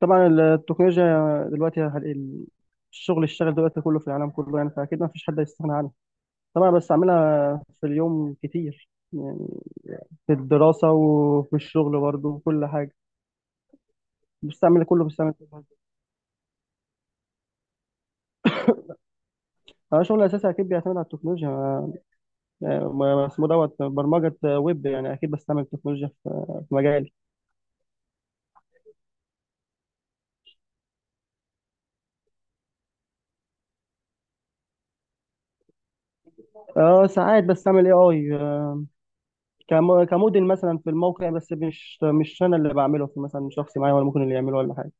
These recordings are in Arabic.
طبعا التكنولوجيا دلوقتي، الشغل اشتغل دلوقتي كله في العالم كله، يعني فاكيد ما فيش حد هيستغنى عنها. طبعا، بس اعملها في اليوم كتير، يعني في الدراسه وفي الشغل برضه وكل حاجه. بستعمل كل حاجه. انا شغل اساسي اكيد بيعتمد على التكنولوجيا. اسمه برمجه ويب، يعني اكيد بستعمل التكنولوجيا في مجالي. اه، ساعات بستعمل اي اي كموديل مثلا في الموقع، بس مش انا اللي بعمله، في مثلا شخص معايا ولا ممكن اللي يعمله ولا حاجه.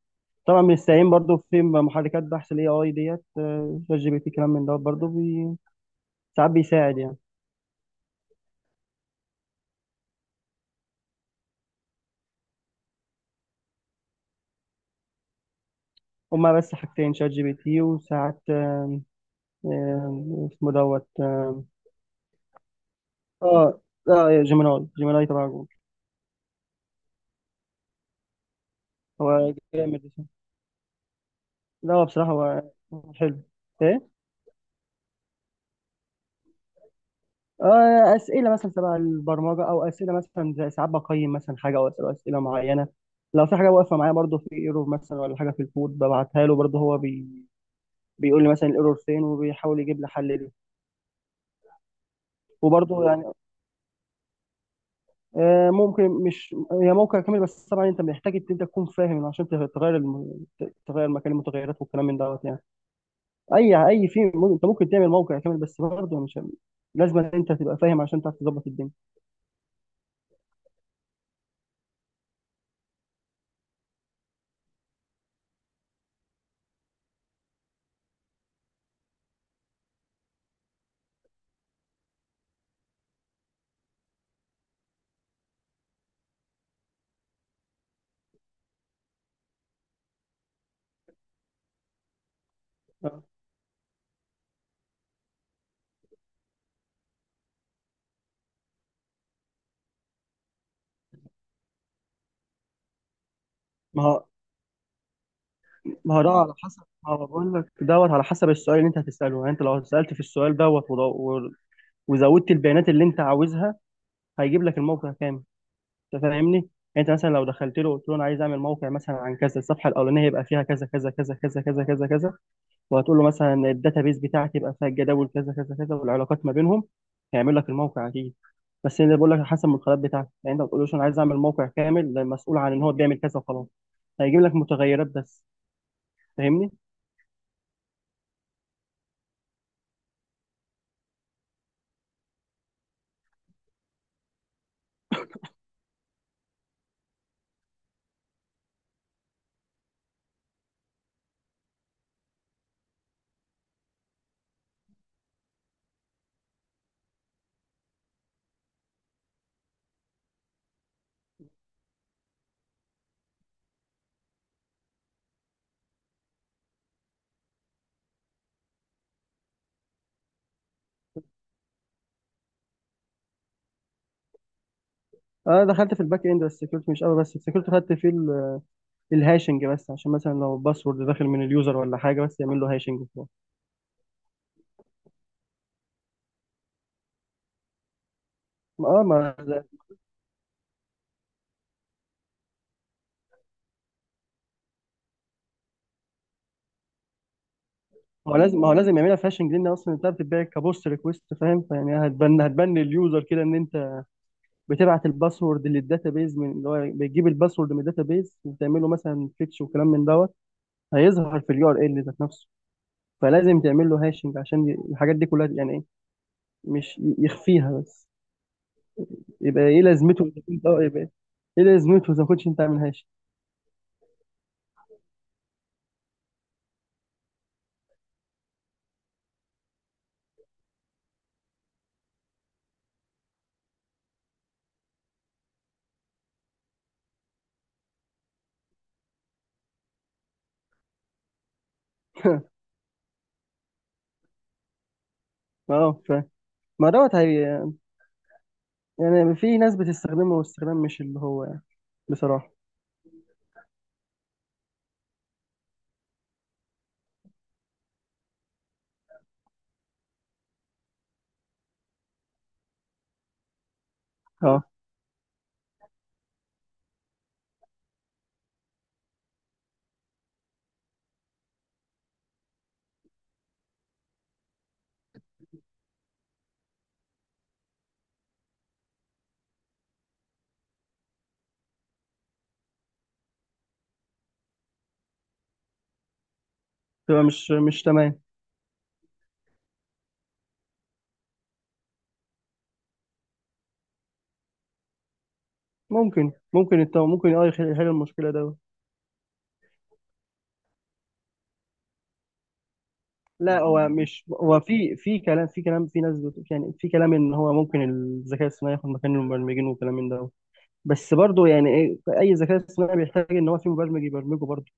طبعا بنستعين برضو في محركات بحث الاي اي، ديت شات جي بي تي، كلام من ده برضو، ساعات بيساعد يعني. هما بس حاجتين، شات جي بي تي، وساعات اسمه دوت اه اه آه، جيميناي تبع جوجل. هو جامد. لا، هو بصراحة، هو حلو. ايه. اسئله مثلا تبع البرمجه، او اسئله مثلا زي ساعات بقيم مثلا حاجه، او اسئله معينه. لو في حاجه واقفه معايا برضو، في ايرور مثلا ولا حاجه في الكود، ببعتها له برضو. هو بيقول لي مثلا الايرور فين وبيحاول يجيب لي حل. وبرضه يعني ممكن، مش هي موقع كامل بس، طبعا انت محتاج ان انت تكون فاهم عشان تغير تغير مكان المتغيرات والكلام من يعني. اي اي في انت ممكن تعمل موقع كامل، بس برضه مش لازم ان انت تبقى فاهم عشان تعرف تظبط الدنيا. ما هو ما هو ده على حسب، ما هو بقول لك على حسب السؤال اللي انت هتساله، يعني انت لو سالت في السؤال وزودت البيانات اللي انت عاوزها، هيجيب لك الموقع كامل. انت فاهمني؟ انت مثلا لو دخلت له قلت له انا عايز اعمل موقع مثلا عن كذا، الصفحه الاولانيه يبقى فيها كذا كذا كذا كذا كذا كذا كذا، وهتقول له مثلا الداتابيس بتاعتي يبقى فيها الجداول كذا كذا كذا، والعلاقات ما بينهم، هيعمل لك الموقع اكيد. بس انا بقول لك على حسب المدخلات بتاعتك، يعني انت ما بتقولوش انا عايز اعمل موقع كامل ده مسؤول عن ان هو بيعمل كذا وخلاص، هيجيب لك متغيرات بس. فاهمني؟ انا دخلت في الباك اند بس السكيورتي مش قوي، بس السكيورتي خدت فيه الهاشنج بس، عشان مثلا لو باسورد داخل من اليوزر ولا حاجه، بس يعمل له هاشنج وخلاص. اه، ما هو لازم يعملها فاشنج، لان اصلا انت بتتباع كبوست ريكوست، فاهم؟ فيعني هتبان لليوزر كده ان انت بتبعت الباسورد للداتابيز، من اللي هو بتجيب الباسورد من الداتابيز وتعمله مثلا فيتش وكلام من هيظهر في اليو ار ال ذات نفسه. فلازم تعمل له هاشنج عشان الحاجات دي كلها، يعني ايه، مش يخفيها بس. يبقى ايه لازمته إذا كنت- اه يبقى ايه لازمته اذا كنتش انت عامل هاشنج؟ اه ف ما هي، يعني في ناس بتستخدمه استخدام مش اللي هو، يعني بصراحه. اه، تبقى مش تمام. ممكن ممكن يحل المشكله ده. لا، هو مش هو، في كلام، في كلام، في ناس يعني، في كلام ان هو ممكن الذكاء الصناعي ياخد مكان المبرمجين وكلام من ده. بس برضه يعني ايه، اي ذكاء اصطناعي بيحتاج ان هو في مبرمج يبرمجه برضه.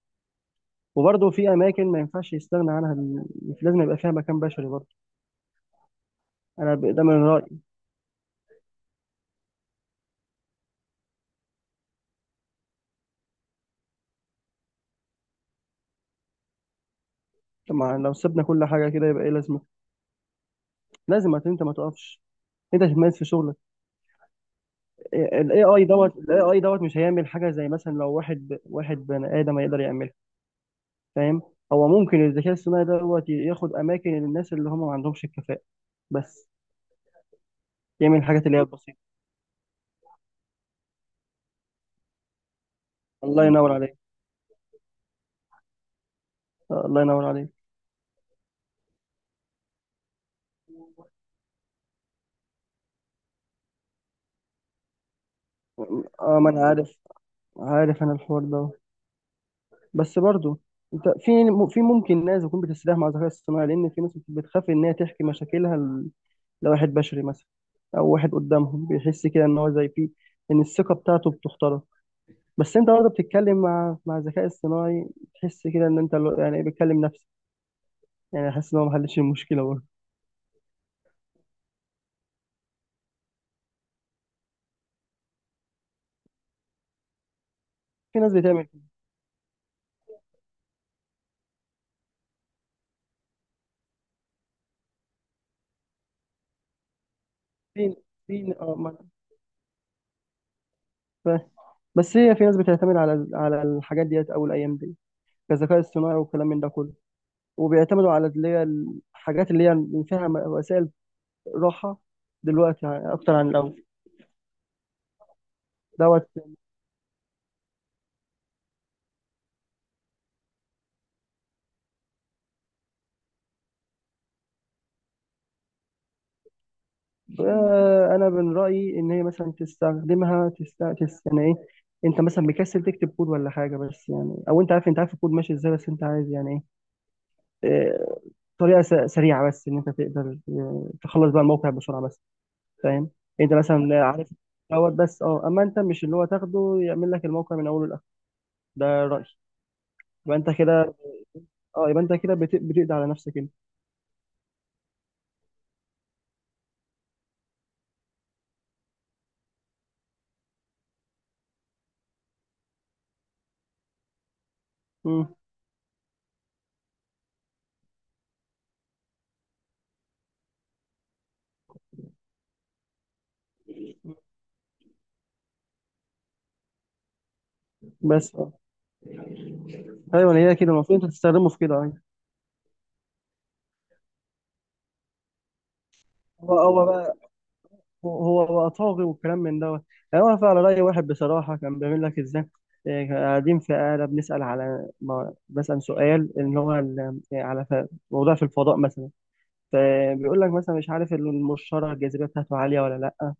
وبرضه في اماكن ما ينفعش يستغنى عنها لازم يبقى فيها مكان بشري برضه. ده من رايي. طبعا لو سيبنا كل حاجه كده يبقى ايه لازمه. لازم انت ما تقفش، انت تتميز في شغلك. الاي اي مش هيعمل حاجه، زي مثلا لو واحد بني ادم هيقدر يعملها، فاهم؟ هو ممكن الذكاء الصناعي ياخد اماكن الناس اللي هم ما عندهمش الكفاءه، بس يعمل الحاجات اللي هي البسيطه. الله ينور عليك. الله ينور عليك. اه، ما انا عارف، عارف انا الحوار ده، بس برضو انت في في ممكن ناس تكون بتستريح مع الذكاء الصناعي، لان في ناس بتخاف ان هي تحكي مشاكلها لواحد بشري مثلا، او واحد قدامهم بيحس كده ان هو زي فيه ان الثقه بتاعته بتخترق. بس انت برضه بتتكلم مع الذكاء الصناعي، تحس كده ان انت يعني بتكلم نفسك، يعني حاسس ان هو ما حلش المشكله. في ناس بتعمل كده. في في اه ما أنا فاهم. بس هي في ناس بتعتمد على الحاجات ديت او الايام دي كذكاء اصطناعي والكلام من ده كله، وبيعتمدوا على اللي هي الحاجات اللي هي اللي فيها وسائل راحه، دلوقتي يعني اكتر عن الاول. دوت انا من رايي ان هي مثلا تستخدمها يعني ايه، انت مثلا مكسل تكتب كود ولا حاجه، بس يعني، او انت عارف الكود ماشي ازاي، بس انت عايز يعني ايه، آه، طريقه سريعه بس، ان انت تقدر تخلص بقى الموقع بسرعه بس، فاهم؟ انت مثلا عارف بس اما انت مش اللي هو تاخده يعمل لك الموقع من اوله لاخره، ده رايي. يبقى انت كده، اه يبقى انت كده بتقضي على نفسك، انت. مم. بس اه ايوه، هي كده المفروض انت تستخدمه في كده، ايوه. هو هو بقى هو بقى طاغي والكلام من انا واقف على راي واحد بصراحه كان بيعمل لك ازاي. إيه، كنا قاعدين في قاعدة بنسأل، على ما بسأل سؤال إن هو على موضوع في الفضاء مثلا، فبيقول لك مثلا مش عارف المشتري الجاذبية بتاعته عالية ولا لأ؟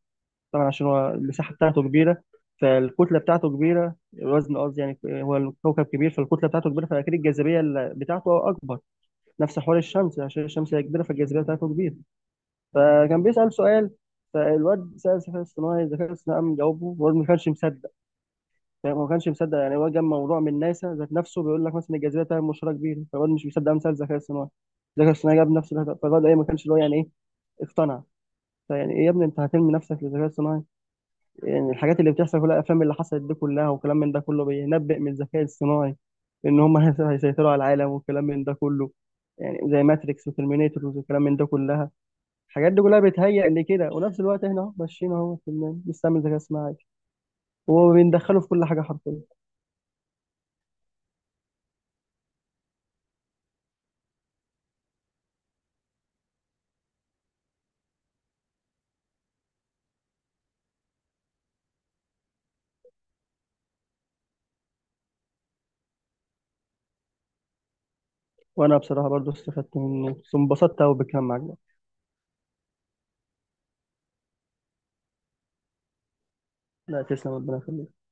طبعا عشان هو المساحة بتاعته كبيرة، فالكتلة بتاعته كبيرة، الوزن قصدي، يعني هو الكوكب كبير فالكتلة بتاعته كبيرة فأكيد الجاذبية بتاعته أكبر. نفس حوار الشمس، عشان الشمس هي كبيرة فالجاذبية بتاعته كبيرة. فكان بيسأل سؤال. فالواد سأل الذكاء الاصطناعي، الذكاء الاصطناعي قام جاوبه، والواد ما كانش مصدق. فاهم؟ هو ما كانش مصدق، يعني هو جاب موضوع من ناسا ذات نفسه بيقول لك مثلا الجاذبية بتاعت المشتري كبيرة، فالواد مش مصدق قام سأل الذكاء الاصطناعي، الذكاء الاصطناعي جاب نفس الهدف، فالواد إيه، ما كانش اللي هو، يعني إيه، اقتنع. فيعني إيه يا ابني، أنت هترمي نفسك للذكاء الاصطناعي؟ يعني الحاجات اللي بتحصل في الافلام اللي حصلت دي كلها وكلام من ده كله بينبئ من الذكاء الصناعي ان هم هيسيطروا على العالم وكلام من ده كله، يعني زي ماتريكس وترمينيتور وكلام من ده كلها. الحاجات دي كلها بتهيأ لكده، ونفس الوقت احنا اهو ماشيين اهو في بنستعمل ذكاء اصطناعي، وهو بندخله في كل حاجه حرفيا. وانا بصراحه برضو استفدت منه، انبسطت قوي بالكلام معاك ده. لا، تسلم، ربنا يخليك.